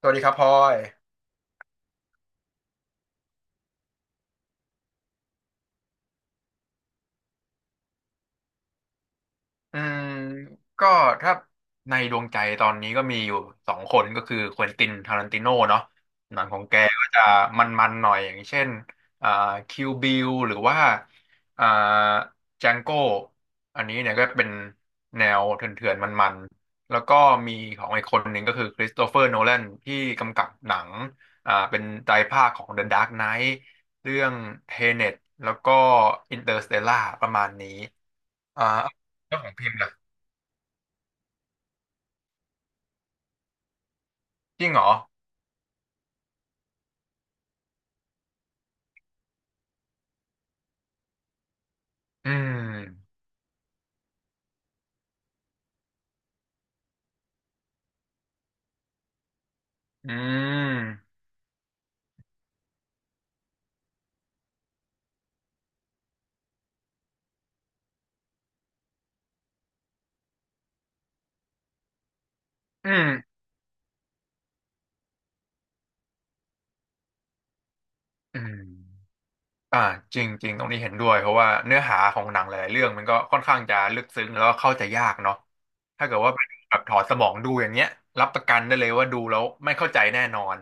สวัสดีครับพลอยอืมก็ถ้าในดวงใจตอนนี้ก็มีอยู่สองคนก็คือควินตินทารันติโน่เนาะหนังของแกก็จะมันๆหน่อยอย่างเช่นอ่าคิวบิลหรือว่าอ่าจังโก้อันนี้เนี่ยก็เป็นแนวเถื่อนๆมันๆ แล้วก็มีของอีกคนหนึ่งก็คือคริสโตเฟอร์โนแลนที่กำกับหนังเป็นไตรภาคของ The Dark Knight เรื่อง Tenet แล้วก็ Interstellar ประมาณนี้ อ่าแล้วของพิมพ์ล่ะจริงเหรออืมอืมอืมอืมอ่าจริงจริงตรงนี้เห็นด้วยเพราะว่าเนื้อหาของหนังหลายๆเรื่องมันก็ค่อนข้างจะลึกซึ้งแล้วก็เข้าใจยากเนาะถ้าเกิดว่าเป็นแบบถอดสมองดูอย่างเงี้ยรับประกันได้เลยว่าดูแล้วไม่เข้าใจแน่นอน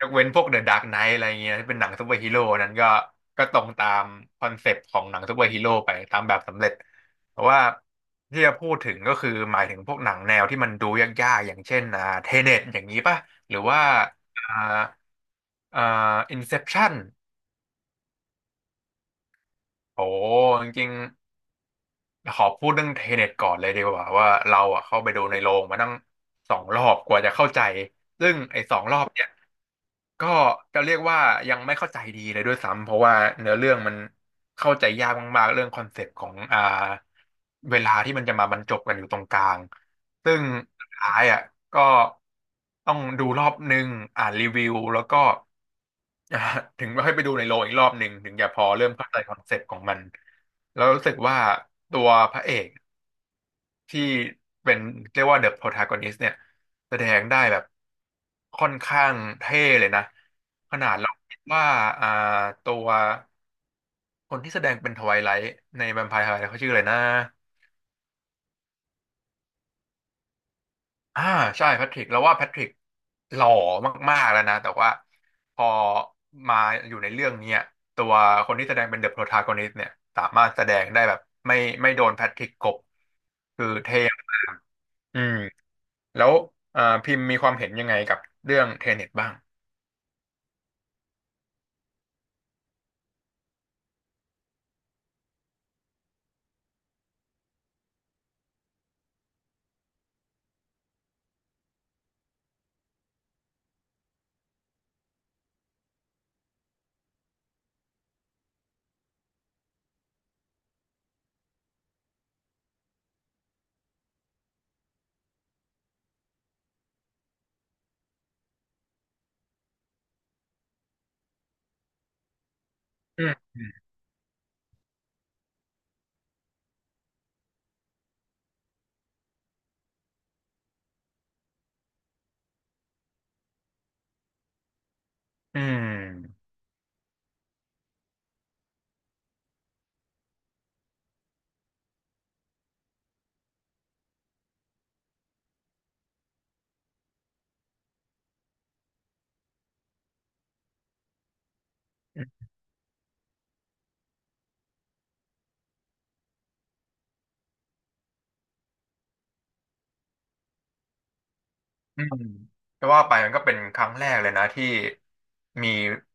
ยกเว้นพวกเดอะดาร์กไนท์อะไรเงี้ยที่เป็นหนังซูเปอร์ฮีโร่นั้นก็ก็ตรงตามคอนเซปต์ของหนังซูเปอร์ฮีโร่ไปตามแบบสำเร็จแต่ว่าที่จะพูดถึงก็คือหมายถึงพวกหนังแนวที่มันดูยากๆอย่างเช่นเทเน็ตอย่างนี้ป่ะหรือว่าอ่าอ่าอินเซปชั่นโอ้จริงๆขอพูดเรื่องเทเน็ตก่อนเลยดีกว่าว่าเราอ่ะเข้าไปดูในโรงมาตั้งสองรอบกว่าจะเข้าใจซึ่งไอ้สองรอบเนี่ย ก็จะเรียกว่ายังไม่เข้าใจดีเลยด้วยซ้ำเพราะว่าเนื้อเรื่องมันเข้าใจยากมากๆเรื่องคอนเซปต์ของเวลาที่มันจะมาบรรจบกันอยู่ตรงกลางซึ่งสุดท้ายอ่ะก็ต้องดูรอบหนึ่งอ่านรีวิวแล้วก็ อ่าถึงค่อยไปดูในโรงอีกรอบหนึ่งถึงจะพอเริ่มเข้าใจคอนเซปต์ของมันแล้วรู้สึกว่าตัวพระเอก ที่เป็นเรียกว่าเดอะโ o ร a ากอนิส t เนี่ยแสดงได้แบบค่อนข้างเท่เลยนะขนาดเราคิดว่าอ่าตัวคนที่แสดงเป็นทไวไลท์ในแวมไพร์ไฮไลท์เขาชื่ออะไรนะอ่าใช่แพทริกเราว่าแพทริกหล่อมากๆแล้วนะแต่ว่าพอมาอยู่ในเรื่องเนี้ยตัวคนที่แสดงเป็นเดอะโ o ร a ากอนิส t เนี่ยสามารถแสดงได้แบบไม่ไม่โดนแพทริกกลบคือเท่มากอืม แล้วพิมพ์มีความเห็นยังไงกับเรื่องเทเน็ตบ้างอืมอืมอืมจะว่าไปมันก็เป็นครั้งแรกเลยนะที่มี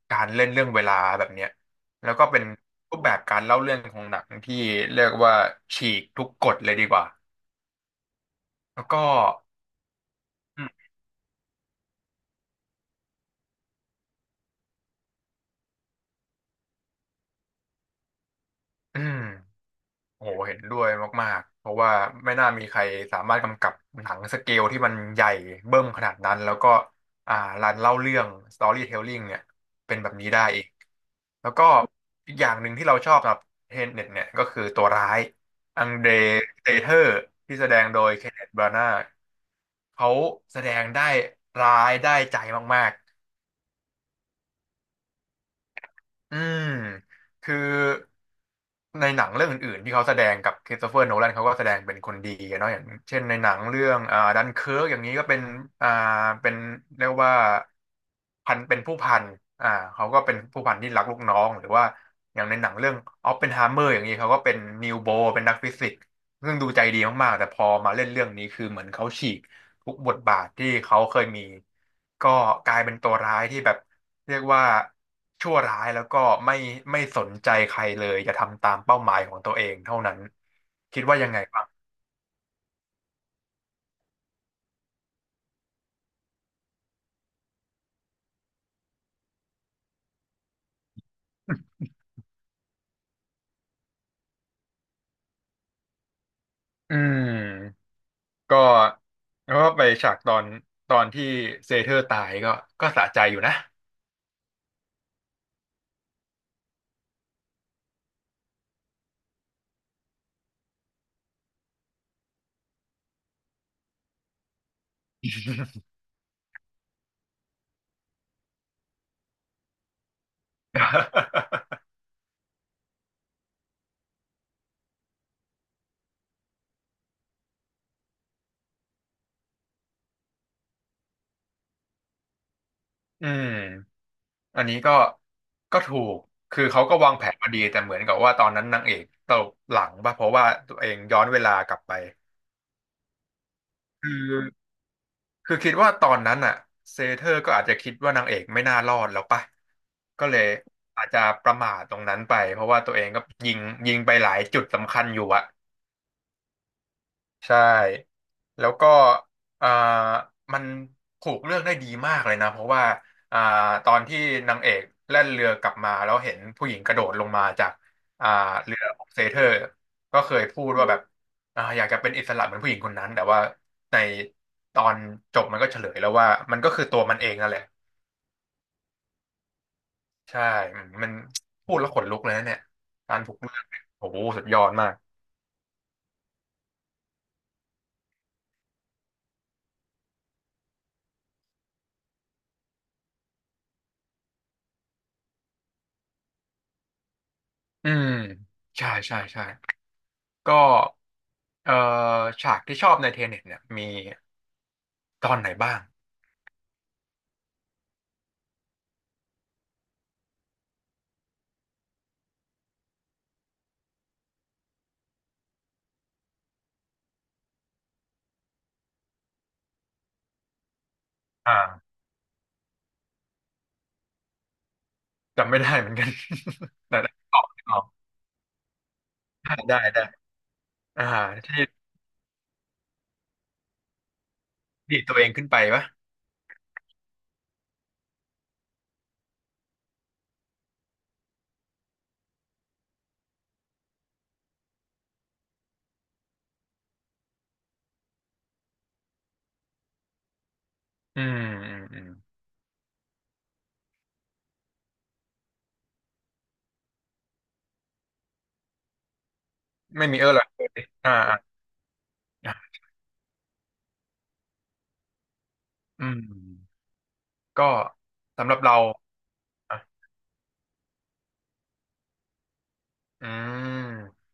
การเล่นเรื่องเวลาแบบเนี้ยแล้วก็เป็นรูปแบบการเล่าเรื่องของหนังที่เรียกว่าฉีกทุกกฎเลยดีกว่าแล้วก็อืมอืม โอ้โหเห็นด้วยมากๆ เพราะว่าไม่น่ามีใครสามารถกำกับหนังสเกลที่มันใหญ่เบิ้มขนาดนั้นแล้วก็อ่ารันเล่าเรื่อง storytelling เนี่ยเป็นแบบนี้ได้อีกแล้วก็อีกอย่างหนึ่งที่เราชอบสำหรับเทนเน็ตเนี่ยก็คือตัวร้ายอังเดรเตเทอร์ที่แสดงโดยเคนเนธบรานาเขาแสดงได้ร้ายได้ใจมากๆ อืมคือในหนังเรื่องอื่นๆที่เขาแสดงกับคริสโตเฟอร์โนแลนเขาก็แสดงเป็นคนดีอะเนาะอย่างเช่นในหนังเรื่องดันเคิร์กอย่างนี้ก็เป็นอ่าเป็นเรียกว่าพันเป็นผู้พันอ่าเขาก็เป็นผู้พันที่รักลูกน้องหรือว่าอย่างในหนังเรื่องออปเพนไฮเมอร์อย่างนี้เขาก็เป็นนิวโบเป็นนักฟิสิกส์ซึ่งดูใจดีมากๆแต่พอมาเล่นเรื่องนี้คือเหมือนเขาฉีก ทุกบทบาทที่เขาเคยมีก็กลายเป็นตัวร้ายที่แบบเรียกว่าชั่วร้ายแล้วก็ไม่ไม่สนใจใครเลยจะทำตามเป้าหมายของตัวเองเท่านั้นคิดว่ายังไงบ้างอืมก็แล้วก็ไปฉากตอนที่เซเธอร์ตายก็ก็สะใจอยู่นะ อืมอันนี้ก็ถูกคือเขาก็วางแผนมาดีแต่เหมือนกับว่าตอนนั้นนางเอกตกหลังป่ะเพราะว่าตัวเองย้อนเวลากลับไปคือ คือคิดว่าตอนนั้นอ่ะเซเธอร์ก็อาจจะคิดว่านางเอกไม่น่ารอดแล้วปะก็เลยอาจจะประมาทตรงนั้นไปเพราะว่าตัวเองก็ยิงยิงไปหลายจุดสำคัญอยู่อะ ใช่แล้วก็อ่ามันผูกเรื่องได้ดีมากเลยนะเพราะว่าอ่าตอนที่นางเอกแล่นเรือกลับมาแล้วเห็นผู้หญิงกระโดดลงมาจากอ่าเรือของเซเทอร์ก็เคยพูดว่าแบบอยากจะเป็นอิสระเหมือนผู้หญิงคนนั้นแต่ว่าในตอนจบมันก็เฉลยแล้วว่ามันก็คือตัวมันเองนั่นแหละใช่อืมมันพูดแล้วขนลุกเลยนะเนี่ยการผูกเรื่องเนี่ยโอ้โหสุดยอดมากอืมใช่ใช่ใช่ ก็เอ่อฉากที่ชอบในเทเน็ตเนี่ยมีตอนไหนบ้างอ่าจำไม่ได้เหมือนกัน แต่ ได้ตอบตอ๋อได้ได้อ่าที่ดีดตัวเองขึ้นไปปะอืมอืมอืมไม่มีเออร์หรอกอ่าอ่าอ่าอืมก็สำหรับเราอ่ะอืม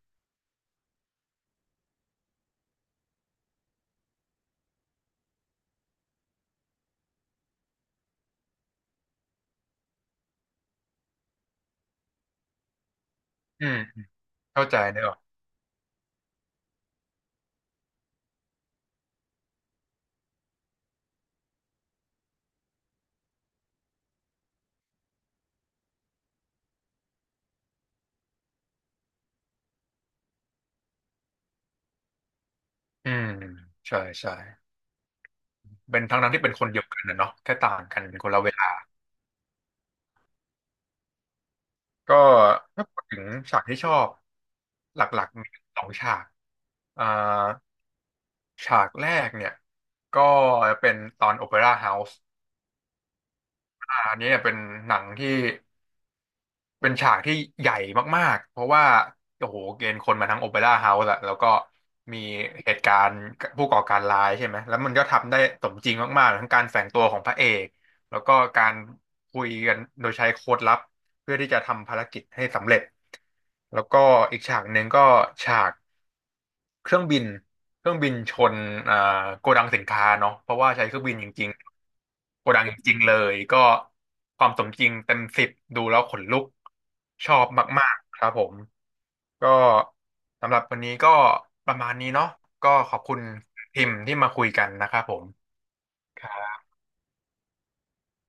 อืมเข้าใจได้หรออกอืมใช่ใช่เป็นทั้งนั้นที่เป็นคนเดียวกันนะเนาะแค่ต่างกันเป็นคนละเวลา ก็ถ้าพูดถึงฉากที่ชอบหลักๆมีสองฉากอ่าฉากแรกเนี่ยก็เป็นตอนโอเปร่าเฮาส์อันนี้เนี่ยเป็นหนังที่ เป็นฉากที่ใหญ่มากๆ เพราะว่าโอ้โหเกณฑ์คนมาทั้งโอเปร่าเฮาส์อะแล้วก็มีเหตุการณ์ผู้ก่อการร้ายใช่ไหมแล้วมันก็ทำได้สมจริงมากๆทั้งการแฝงตัวของพระเอกแล้วก็การคุยกันโดยใช้โค้ดลับเพื่อที่จะทำภารกิจให้สำเร็จแล้วก็อีกฉากหนึ่งก็ฉาก เครื่องบินเครื่องบินชนอ่าโกดังสินค้าเนาะเพราะว่าใช้เครื่องบินจริงๆโกดังจริงๆเลยก็ความสมจริงเต็ม10ดูแล้วขนลุกชอบมากๆครับผมก็สำหรับวันนี้ก็ประมาณนี้เนาะก็ขอบคุณพิมพ์ที่มาคุยกันนะครับผม